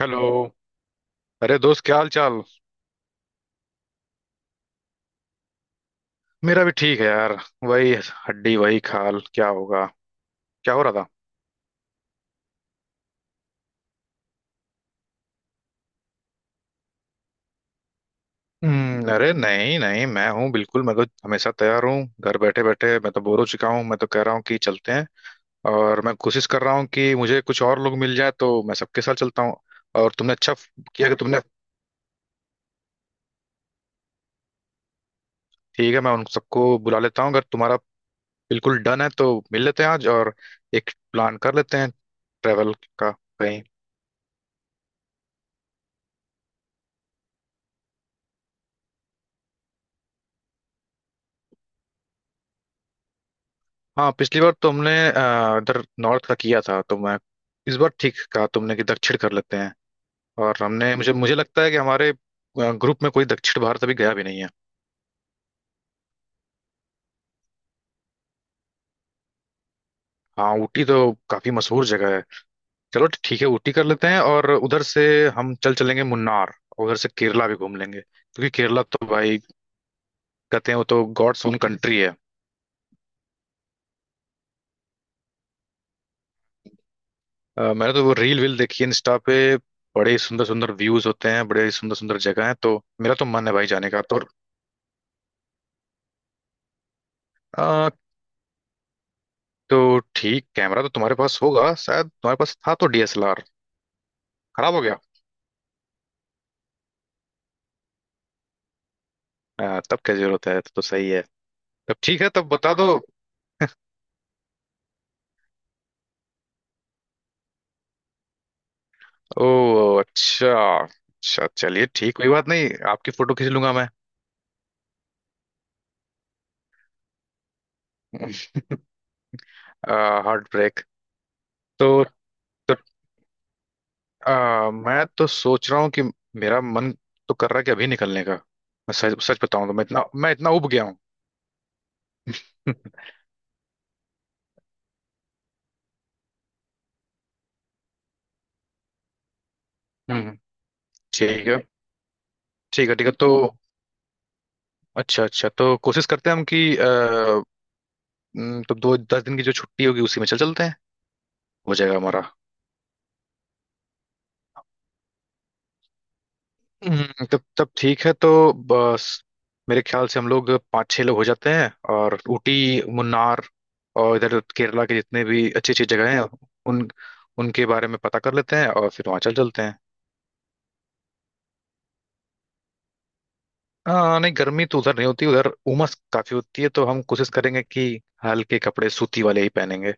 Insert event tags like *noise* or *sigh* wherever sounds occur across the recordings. Hello. अरे दोस्त, क्या हाल चाल? मेरा भी ठीक है यार। वही हड्डी वही खाल, क्या होगा? क्या हो रहा था? हम्म। अरे नहीं नहीं, मैं हूँ बिल्कुल। मैं तो हमेशा तैयार हूँ। घर बैठे बैठे मैं तो बोर हो चुका हूँ। मैं तो कह रहा हूँ कि चलते हैं। और मैं कोशिश कर रहा हूँ कि मुझे कुछ और लोग मिल जाए, तो मैं सबके साथ चलता हूँ। और तुमने अच्छा किया कि तुमने। ठीक है, मैं उन सबको बुला लेता हूँ। अगर तुम्हारा बिल्कुल डन है तो मिल लेते हैं आज और एक प्लान कर लेते हैं, ट्रेवल का कहीं। हाँ, पिछली बार तुमने इधर नॉर्थ का किया था, तो मैं इस बार, ठीक कहा तुमने कि दक्षिण कर लेते हैं। और हमने, मुझे मुझे लगता है कि हमारे ग्रुप में कोई दक्षिण भारत अभी गया भी नहीं है। हाँ, ऊटी तो काफी मशहूर जगह है। चलो ठीक है, ऊटी कर लेते हैं, और उधर से हम चल चलेंगे मुन्नार, और उधर से केरला भी घूम लेंगे, क्योंकि केरला तो भाई, कहते हैं वो तो गॉड्स ओन कंट्री है। मैंने तो वो रील वील देखी है इंस्टा पे। बड़े सुंदर सुंदर व्यूज होते हैं, बड़े सुंदर सुंदर जगह है, तो मेरा तो मन है भाई जाने का। तो तो ठीक, कैमरा तो तुम्हारे पास होगा शायद। तुम्हारे पास था तो डीएसएलआर। खराब हो गया? हाँ, तब क्या जरूरत है, तो सही है। तब ठीक है, तब बता दो। ओ अच्छा। अच्छा चलिए ठीक, कोई बात नहीं, आपकी फोटो खींच लूंगा मैं। *laughs* Heart break. तो, तो मैं तो सोच रहा हूँ कि मेरा मन तो कर रहा है कि अभी निकलने का। मैं सच सच बताऊं तो मैं इतना उब गया हूँ। *laughs* हम्म। ठीक है, ठीक है, ठीक है तो। अच्छा अच्छा, तो कोशिश करते हैं हम कि तो दो 10 दिन की जो छुट्टी होगी उसी में चल चलते हैं। हो जाएगा हमारा। तब तब ठीक है तो बस। मेरे ख्याल से हम लोग पाँच छह लोग हो जाते हैं, और ऊटी, मुन्नार और इधर केरला के जितने भी अच्छी अच्छी जगह हैं उन उनके बारे में पता कर लेते हैं, और फिर वहाँ चल चलते हैं। हाँ नहीं, गर्मी तो उधर नहीं होती। उधर उमस काफी होती है, तो हम कोशिश करेंगे कि हल्के कपड़े सूती वाले ही पहनेंगे।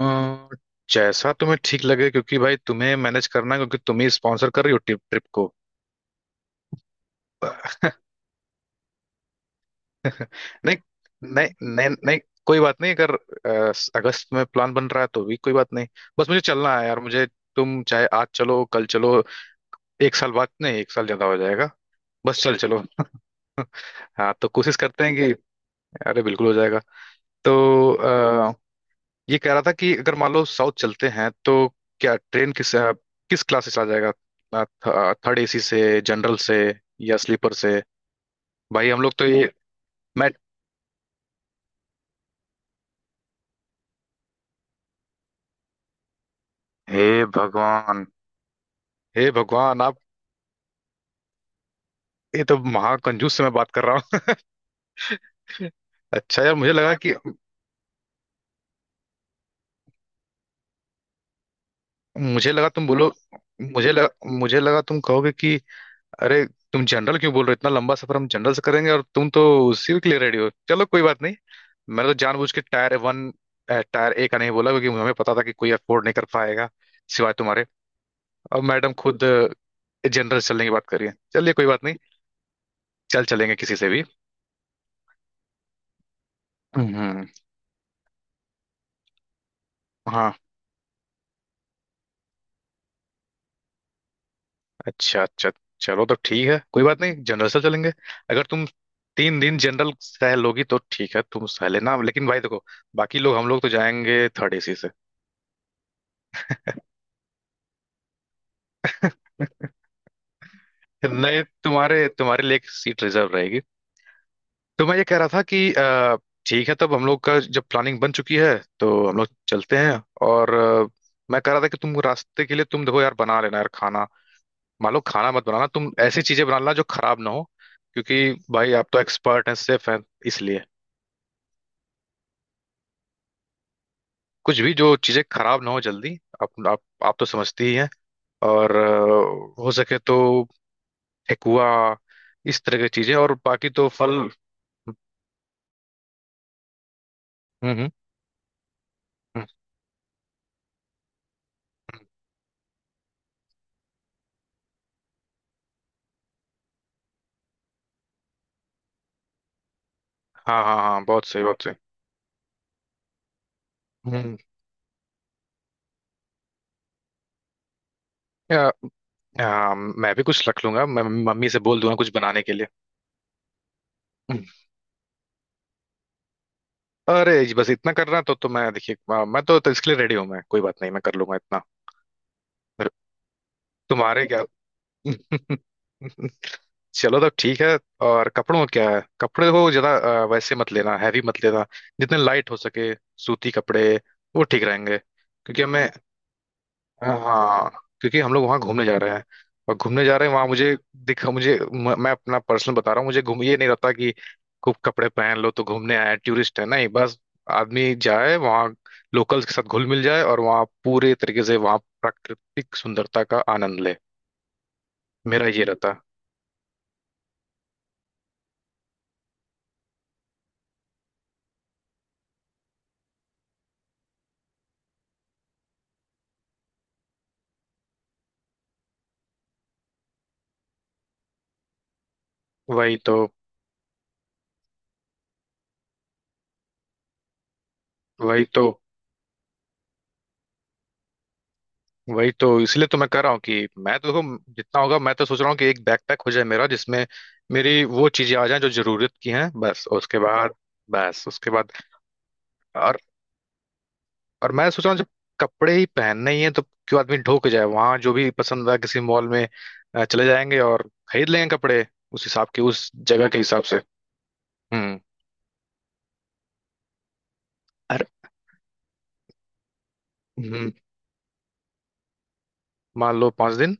अ, जैसा तुम्हें ठीक लगे, क्योंकि भाई तुम्हें मैनेज करना है, क्योंकि तुम ही स्पॉन्सर कर रही हो ट्रिप ट्रिप को। *laughs* नहीं नहीं नहीं नहीं, कोई बात नहीं, अगर अगस्त में प्लान बन रहा है तो भी कोई बात नहीं। बस मुझे चलना है यार, मुझे। तुम चाहे आज चलो, कल चलो, एक साल बाद नहीं, एक साल ज्यादा हो जाएगा। बस चल चलो। *laughs* हाँ, तो कोशिश करते हैं कि अरे बिल्कुल हो जाएगा। तो अ, ये कह रहा था कि अगर मान लो साउथ चलते हैं, तो क्या ट्रेन, किस किस क्लास से चला जाएगा? थर्ड एसी से, जनरल से या स्लीपर से? भाई हम लोग तो ये, मैं, हे भगवान। हे भगवान आप! ये तो महाकंजूस से मैं बात कर रहा हूँ। *laughs* अच्छा यार, मुझे लगा तुम बोलो, मुझे लगा तुम कहोगे कि अरे, तुम जनरल क्यों बोल रहे हो, इतना लंबा सफर हम जनरल से करेंगे? और तुम तो उसी के लिए रेडी हो, चलो कोई बात नहीं। मैंने तो जानबूझ के टायर वन, टायर ए का नहीं बोला, क्योंकि हमें पता था कि कोई अफोर्ड नहीं कर पाएगा सिवाय तुम्हारे। और मैडम खुद जनरल चलने की बात कर रही है, चलिए कोई बात नहीं, चल चलेंगे किसी से भी। हम्म, हाँ। अच्छा अच्छा, चलो तो ठीक है, कोई बात नहीं, जनरल से चलेंगे। अगर तुम 3 दिन जनरल सह लोगी तो ठीक है, तुम सह लेना, लेकिन भाई देखो, बाकी लोग, हम लोग तो जाएंगे थर्ड एसी से। *laughs* नहीं, तुम्हारे तुम्हारे लिए एक सीट रिजर्व रहेगी। तो मैं ये कह रहा था कि ठीक है तब, हम लोग का जब प्लानिंग बन चुकी है तो हम लोग चलते हैं। और मैं कह रहा था कि तुम रास्ते के लिए तुम देखो यार, बना लेना यार खाना। मान लो, खाना मत बनाना तुम, ऐसी चीजें बना लेना जो खराब ना हो, क्योंकि भाई आप तो एक्सपर्ट हैं, सेफ हैं, इसलिए कुछ भी, जो चीजें खराब ना हो जल्दी। आप तो समझती ही हैं। और हो सके तो ठेकुआ, इस तरह की चीजें, और बाकी तो फल। हम्म। हम्म हम्म, हाँ हाँ हाँ, बहुत सही बहुत सही। हम्म। या, हाँ, मैं भी कुछ रख लूंगा, मैं मम्मी से बोल दूंगा कुछ बनाने के लिए। हम्म। अरे जी, बस इतना करना तो मैं देखिए, मैं तो इसके लिए रेडी हूँ मैं, कोई बात नहीं, मैं कर लूंगा इतना, तुम्हारे क्या? *laughs* चलो तब ठीक है। और कपड़ों में क्या है, कपड़े को ज्यादा वैसे मत लेना, हैवी मत लेना, जितने लाइट हो सके, सूती कपड़े, वो ठीक रहेंगे क्योंकि हमें। हाँ। क्योंकि हम लोग वहाँ घूमने जा रहे हैं। और घूमने जा रहे हैं वहाँ, मुझे दिखा, मैं अपना पर्सनल बता रहा हूँ, मुझे घूम ये नहीं रहता कि खूब कपड़े पहन लो, तो घूमने आए टूरिस्ट है नहीं, बस आदमी जाए वहाँ, लोकल्स के साथ घुल मिल जाए और वहाँ पूरे तरीके से वहाँ प्राकृतिक सुंदरता का आनंद ले। मेरा ये रहता। वही तो वही तो वही तो इसलिए तो मैं कह रहा हूँ कि मैं तो देखो, जितना होगा मैं तो सोच रहा हूँ कि एक बैकपैक हो जाए मेरा, जिसमें मेरी वो चीजें आ जाएं जो जरूरत की हैं बस। और उसके बाद, बस उसके बाद, और और मैं सोच रहा हूँ, जब कपड़े ही पहनने ही हैं तो क्यों आदमी ढो के जाए, वहां जो भी पसंद आए किसी मॉल में चले जाएंगे और खरीद लेंगे कपड़े, उस हिसाब के, उस जगह के हिसाब से। हम्म। अरे हम्म, मान लो 5 दिन।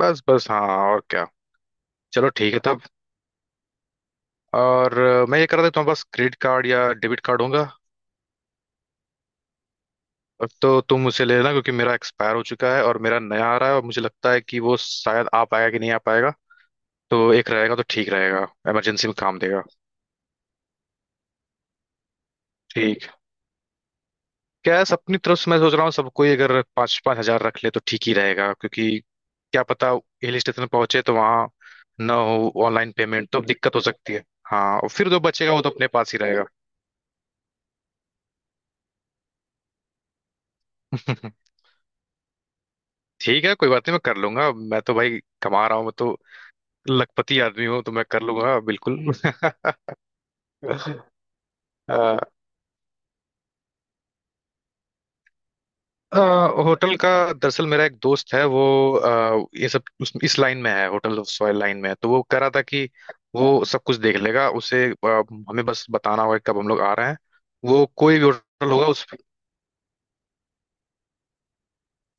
बस बस, हाँ, और क्या। चलो ठीक है तब। और मैं ये कह रहा था, तुम्हारे पास क्रेडिट कार्ड या डेबिट कार्ड होगा, और तो तुम उसे ले लेना, क्योंकि मेरा एक्सपायर हो चुका है और मेरा नया आ रहा है, और मुझे लगता है कि वो शायद आ पाएगा कि नहीं आ पाएगा, तो एक रहेगा तो ठीक रहेगा, इमरजेंसी में काम देगा। ठीक। क्या है, अपनी तरफ से मैं सोच रहा हूँ, सबको ही अगर पाँच पाँच हजार रख ले तो ठीक ही रहेगा, क्योंकि क्या पता, हिल स्टेशन पहुंचे तो वहाँ ना हो ऑनलाइन पेमेंट, तो दिक्कत हो सकती है। हाँ, और फिर जो बचेगा वो तो अपने पास ही रहेगा। *laughs* ठीक है, कोई बात नहीं, मैं कर लूंगा। मैं तो भाई कमा रहा हूँ, मैं तो लखपति आदमी हूँ, तो मैं कर लूंगा बिल्कुल। *laughs* आ, अ, होटल का, दरअसल मेरा एक दोस्त है, वो ये सब इस लाइन में है, होटल ऑफ सॉयल लाइन में है। तो वो कह रहा था कि वो सब कुछ देख लेगा, हमें बस बताना होगा कि कब हम लोग आ रहे हैं। वो कोई भी होटल होगा, उस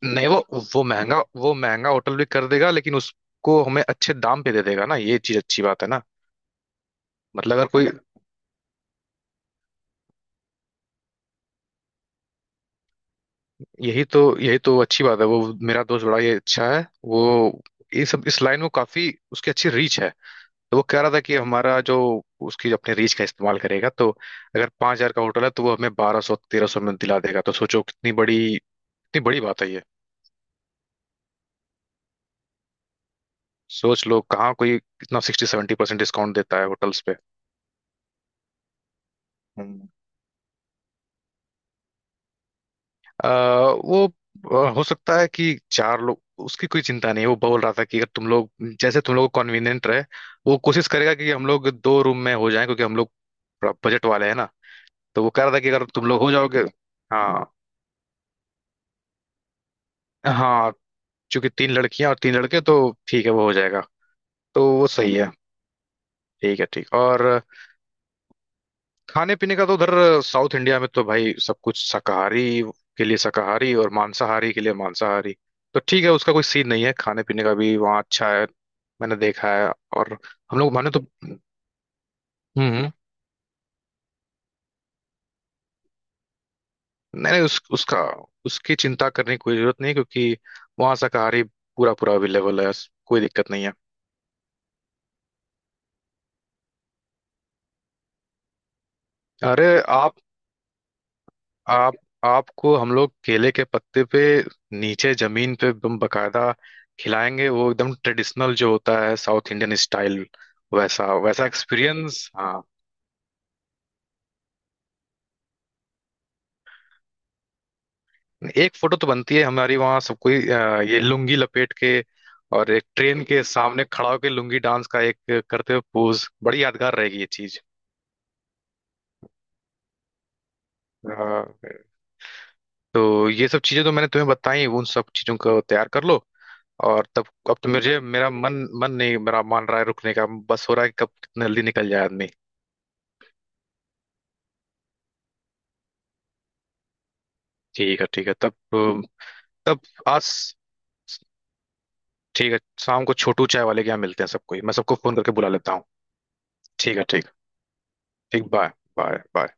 नहीं, वो महंगा होटल भी कर देगा, लेकिन उसको हमें अच्छे दाम पे दे देगा ना, ये चीज अच्छी बात है ना। मतलब अगर कोई, यही तो, यही तो अच्छी बात है, वो मेरा दोस्त बड़ा ये अच्छा है, वो ये सब इस लाइन में काफी, उसकी अच्छी रीच है। तो वो कह रहा था कि हमारा जो, उसकी अपने रीच का इस्तेमाल करेगा, तो अगर 5,000 का होटल है तो वो हमें 1,200 1,300 में दिला देगा। तो सोचो कितनी बड़ी, कितनी बड़ी बात है ये। सोच लो, कहाँ कोई इतना 60-70% डिस्काउंट देता है होटल्स पे। हम्म, अ, वो हो सकता है कि चार लोग, उसकी कोई चिंता नहीं है। वो बोल रहा था कि अगर तुम लोग, जैसे तुम लोग को कन्वीनियंट रहे, वो कोशिश करेगा कि हम लोग दो रूम में हो जाएं, क्योंकि हम लोग बजट वाले हैं ना। तो वो कह रहा था कि अगर तुम लोग हो जाओगे, हाँ, हाँ चूंकि तीन लड़कियां और तीन लड़के, तो ठीक है, वो हो जाएगा। तो वो सही है। ठीक है, ठीक। और खाने पीने का तो उधर साउथ इंडिया में तो भाई, सब कुछ, शाकाहारी के लिए शाकाहारी और मांसाहारी के लिए मांसाहारी। तो ठीक है, उसका कोई सीन नहीं है, खाने पीने का भी वहाँ अच्छा है, मैंने देखा है। और हम लोग माने तो। हम्म। हम्म। नहीं नहीं, उस, उसका उसकी चिंता करने की कोई जरूरत नहीं है, क्योंकि वहाँ शाकाहारी पूरा पूरा अवेलेबल है, कोई दिक्कत नहीं है। अरे, आप आपको हम लोग केले के पत्ते पे, नीचे जमीन पे, एकदम बकायदा खिलाएंगे, वो एकदम ट्रेडिशनल जो होता है साउथ इंडियन स्टाइल। वैसा वैसा एक्सपीरियंस, हाँ। एक फोटो तो बनती है हमारी, वहाँ सब कोई ये लुंगी लपेट के, और एक ट्रेन के सामने खड़ा होकर लुंगी डांस का एक करते हुए पोज, बड़ी यादगार रहेगी ये चीज। हाँ, तो ये सब चीजें तो मैंने तुम्हें बताई, उन सब चीजों को तैयार कर लो। और तब अब तो मुझे मेरा मन, मन नहीं, मेरा मान रहा है रुकने का, बस हो रहा है कि कब कितना जल्दी निकल जाए आदमी। ठीक है, ठीक है तब। तब आज ठीक है, शाम को छोटू चाय वाले के यहाँ मिलते हैं, सबको फोन करके बुला लेता हूँ। ठीक है, ठीक, ठीक। Bye, bye, bye.